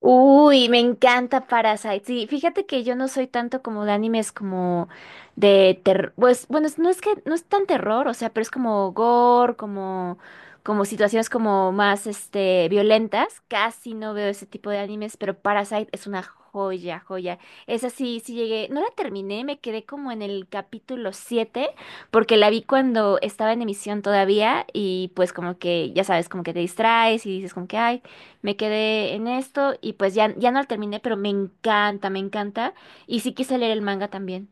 Uy, me encanta Parasite. Sí, fíjate que yo no soy tanto como de animes como de terror. Pues bueno, no es que no es tan terror, o sea, pero es como gore, como situaciones como más este violentas. Casi no veo ese tipo de animes, pero Parasite es una joya, joya. Esa sí, sí llegué, no la terminé, me quedé como en el capítulo 7 porque la vi cuando estaba en emisión todavía y pues como que ya sabes, como que te distraes y dices como que ay me quedé en esto y pues ya, ya no lo terminé, pero me encanta, me encanta. Y sí quise leer el manga también.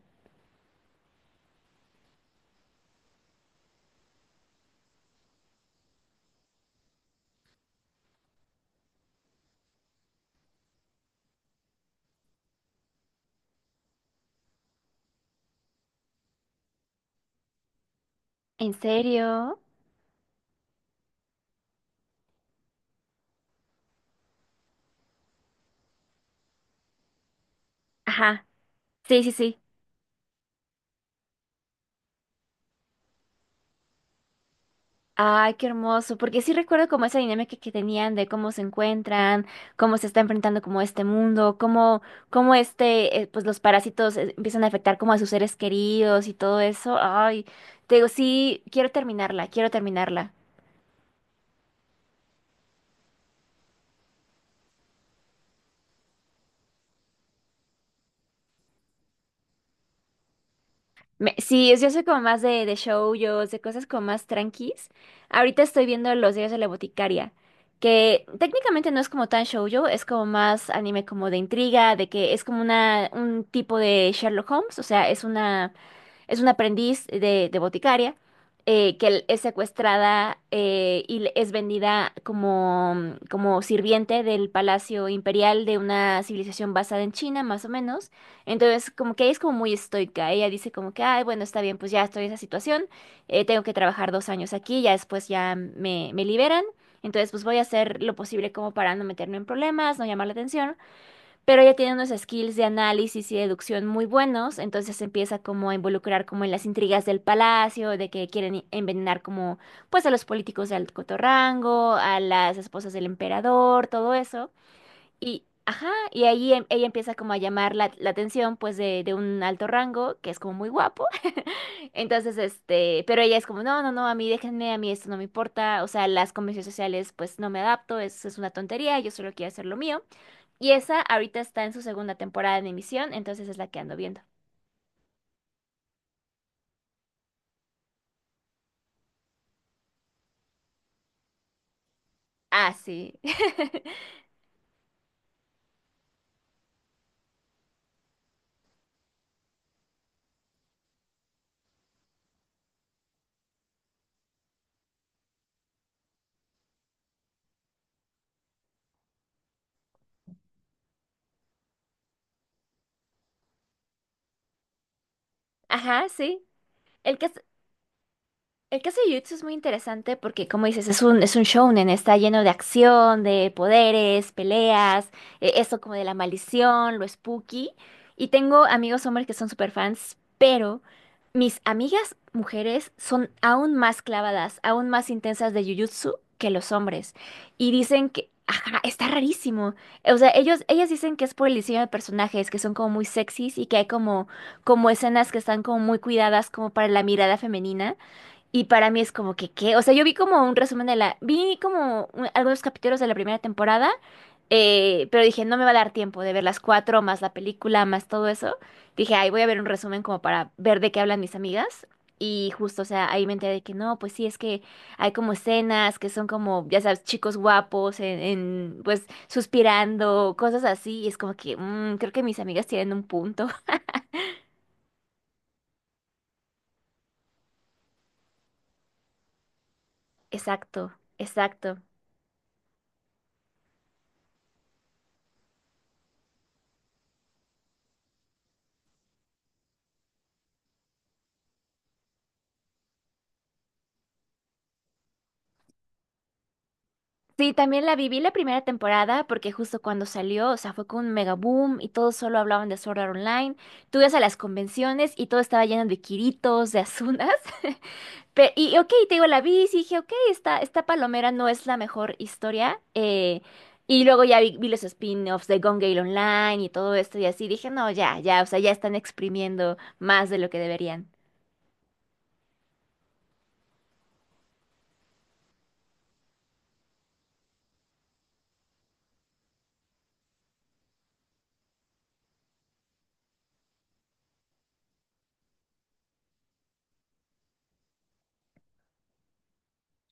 ¿En serio? Ajá. Sí, sí, sí. Ay, qué hermoso, porque sí recuerdo como esa dinámica que tenían de cómo se encuentran, cómo se está enfrentando como este mundo, cómo este, pues los parásitos empiezan a afectar como a sus seres queridos y todo eso. Ay, te digo, sí, quiero terminarla, quiero terminarla. Sí, yo soy como más de shoujos, de cosas como más tranquis. Ahorita estoy viendo Los Diarios de la Boticaria, que técnicamente no es como tan shoujo, es como más anime como de intriga, de que es como una, un tipo de Sherlock Holmes, o sea, es una aprendiz de boticaria que es secuestrada y es vendida como, como sirviente del palacio imperial de una civilización basada en China, más o menos. Entonces, como que ella es como muy estoica. Ella dice como que, ay, bueno, está bien, pues ya estoy en esa situación, tengo que trabajar 2 años aquí, ya después ya me liberan. Entonces, pues voy a hacer lo posible como para no meterme en problemas, no llamar la atención pero ella tiene unos skills de análisis y deducción muy buenos, entonces se empieza como a involucrar como en las intrigas del palacio, de que quieren envenenar como pues a los políticos de alto rango, a las esposas del emperador, todo eso. Y, ajá, y ahí ella empieza como a llamar la, la atención pues de un alto rango, que es como muy guapo. Entonces, este, pero ella es como, no, no, no, a mí déjenme, a mí esto no me importa, o sea, las convenciones sociales pues no me adapto, es una tontería, yo solo quiero hacer lo mío. Y esa ahorita está en su segunda temporada en emisión, entonces es la que ando viendo. Ah, sí. Ajá, sí. El que, El caso de Jujutsu es muy interesante porque, como dices, es un shounen, está lleno de acción, de poderes, peleas, eso como de la maldición, lo spooky. Y tengo amigos hombres que son super fans, pero mis amigas mujeres son aún más clavadas, aún más intensas de Jujutsu que los hombres. Y dicen que, ajá, está rarísimo. O sea, ellas dicen que es por el diseño de personajes, que son como muy sexys y que hay como, como escenas que están como muy cuidadas como para la mirada femenina. Y para mí es como que, ¿qué? O sea, yo vi como un resumen de la... Vi como algunos capítulos de la primera temporada, pero dije, no me va a dar tiempo de ver las cuatro, más la película, más todo eso. Dije, ay, voy a ver un resumen como para ver de qué hablan mis amigas. Y justo, o sea, ahí me enteré de que no, pues sí, es que hay como escenas que son como, ya sabes, chicos guapos, pues suspirando, cosas así. Y es como que, creo que mis amigas tienen un punto. Exacto, exacto. Sí, también la viví la primera temporada porque justo cuando salió, o sea, fue con un mega boom y todos solo hablaban de Sword Art Online. Tú ibas a las convenciones y todo estaba lleno de Kiritos, de Asunas. Y ok, te digo, la vi y sí dije, ok, esta palomera no es la mejor historia. Y luego ya vi, vi los spin-offs de Gone Gale Online y todo esto y así. Dije, no, ya, ya, o sea, ya están exprimiendo más de lo que deberían.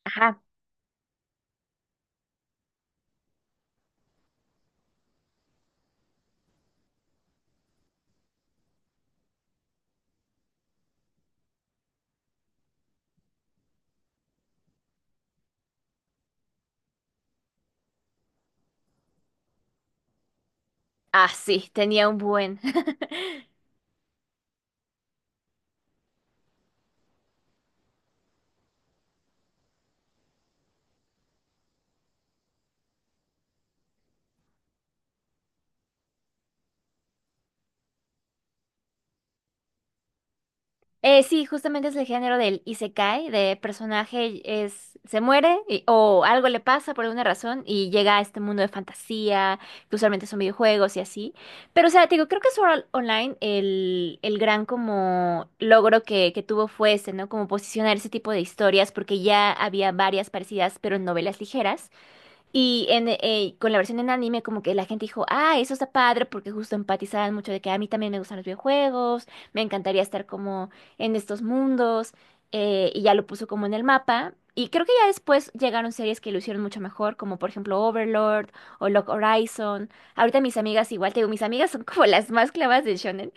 Ajá. Ah, sí, tenía un buen. Sí, justamente es el género del isekai, de personaje es, se o algo le pasa por alguna razón y llega a este mundo de fantasía, que usualmente son videojuegos y así. Pero, o sea, te digo, creo que Sword Art Online, el gran como logro que tuvo fue este, ¿no? Como posicionar ese tipo de historias, porque ya había varias parecidas, pero en novelas ligeras. Y con la versión en anime, como que la gente dijo, ah, eso está padre, porque justo empatizaban mucho de que a mí también me gustan los videojuegos, me encantaría estar como en estos mundos, y ya lo puso como en el mapa. Y creo que ya después llegaron series que lo hicieron mucho mejor, como por ejemplo Overlord o Lock Horizon. Ahorita mis amigas igual, te digo, mis amigas son como las más clavas de shonen,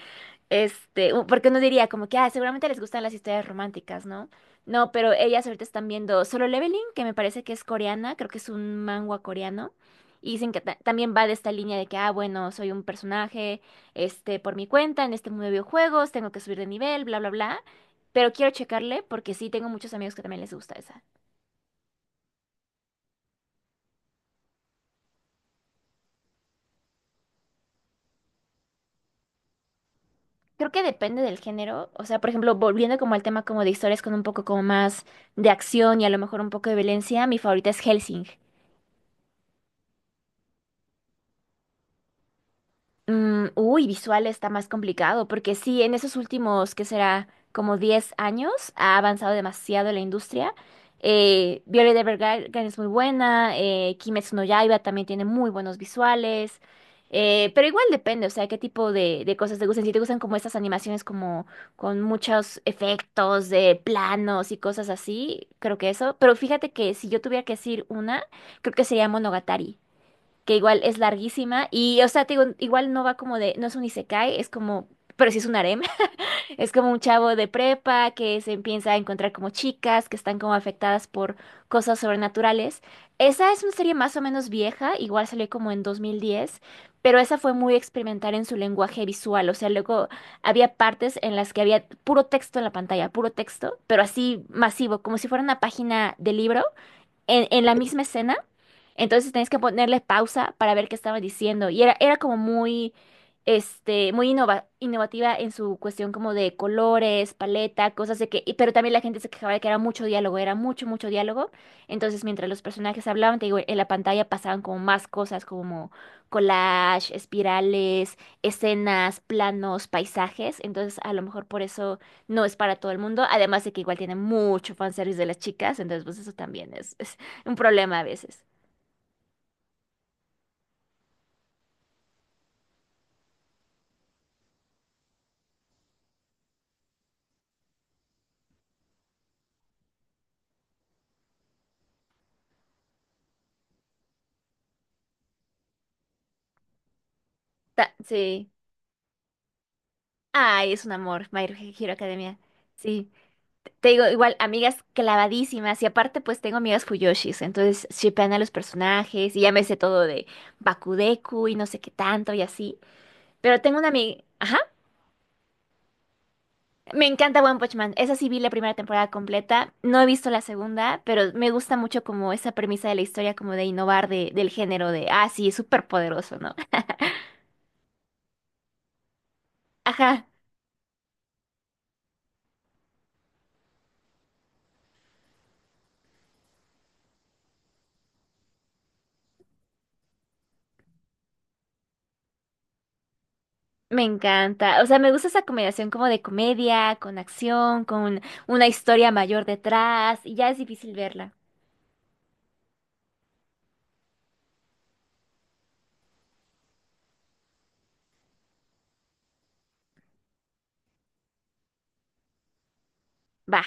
este, porque uno diría como que, ah, seguramente les gustan las historias románticas, ¿no? No, pero ellas ahorita están viendo Solo Leveling, que me parece que es coreana, creo que es un manhwa coreano, y dicen que también va de esta línea de que, ah, bueno, soy un personaje, este, por mi cuenta, en este mundo de videojuegos, tengo que subir de nivel, bla, bla, bla, pero quiero checarle porque sí tengo muchos amigos que también les gusta esa. Creo que depende del género, o sea, por ejemplo, volviendo como al tema como de historias con un poco como más de acción y a lo mejor un poco de violencia, mi favorita es Helsing. Uy, visual está más complicado, porque sí, en esos últimos, ¿qué será? Como 10 años, ha avanzado demasiado la industria. Violet Evergarden es muy buena, Kimetsu no Yaiba también tiene muy buenos visuales, pero igual depende, o sea, qué tipo de cosas te gustan. Si te gustan como estas animaciones como con muchos efectos de planos y cosas así, creo que eso. Pero fíjate que si yo tuviera que decir una, creo que sería Monogatari que igual es larguísima y, o sea, te digo, igual no va como de, no es un isekai, es como, pero sí es un harem, es como un chavo de prepa que se empieza a encontrar como chicas que están como afectadas por cosas sobrenaturales. Esa es una serie más o menos vieja, igual salió como en 2010, pero esa fue muy experimental en su lenguaje visual, o sea, luego había partes en las que había puro texto en la pantalla, puro texto, pero así masivo, como si fuera una página de libro en la misma escena. Entonces tenías que ponerle pausa para ver qué estaba diciendo. Y era, era como muy, este, muy innovativa en su cuestión como de colores, paleta, cosas de que... pero también la gente se quejaba de que era mucho diálogo, era mucho, mucho diálogo. Entonces mientras los personajes hablaban, te digo, en la pantalla pasaban como más cosas como collage, espirales, escenas, planos, paisajes. Entonces a lo mejor por eso no es para todo el mundo. Además de que igual tiene mucho fanservice de las chicas. Entonces pues eso también es... Un problema a veces. Sí. Ay, es un amor, My Hero Academia. Sí. Te digo, igual, amigas clavadísimas. Y aparte, pues tengo amigas Fuyoshis. Entonces, shippean a los personajes. Y ya me sé todo de Bakudeku y no sé qué tanto y así. Pero tengo una amiga. Ajá. Me encanta One Punch Man. Esa sí vi la primera temporada completa. No he visto la segunda, pero me gusta mucho como esa premisa de la historia, como de innovar de, del género de, ah, sí, es súper poderoso, ¿no? Ajá. Me encanta. O sea, me gusta esa combinación como de comedia, con acción, con una historia mayor detrás, y ya es difícil verla. Va.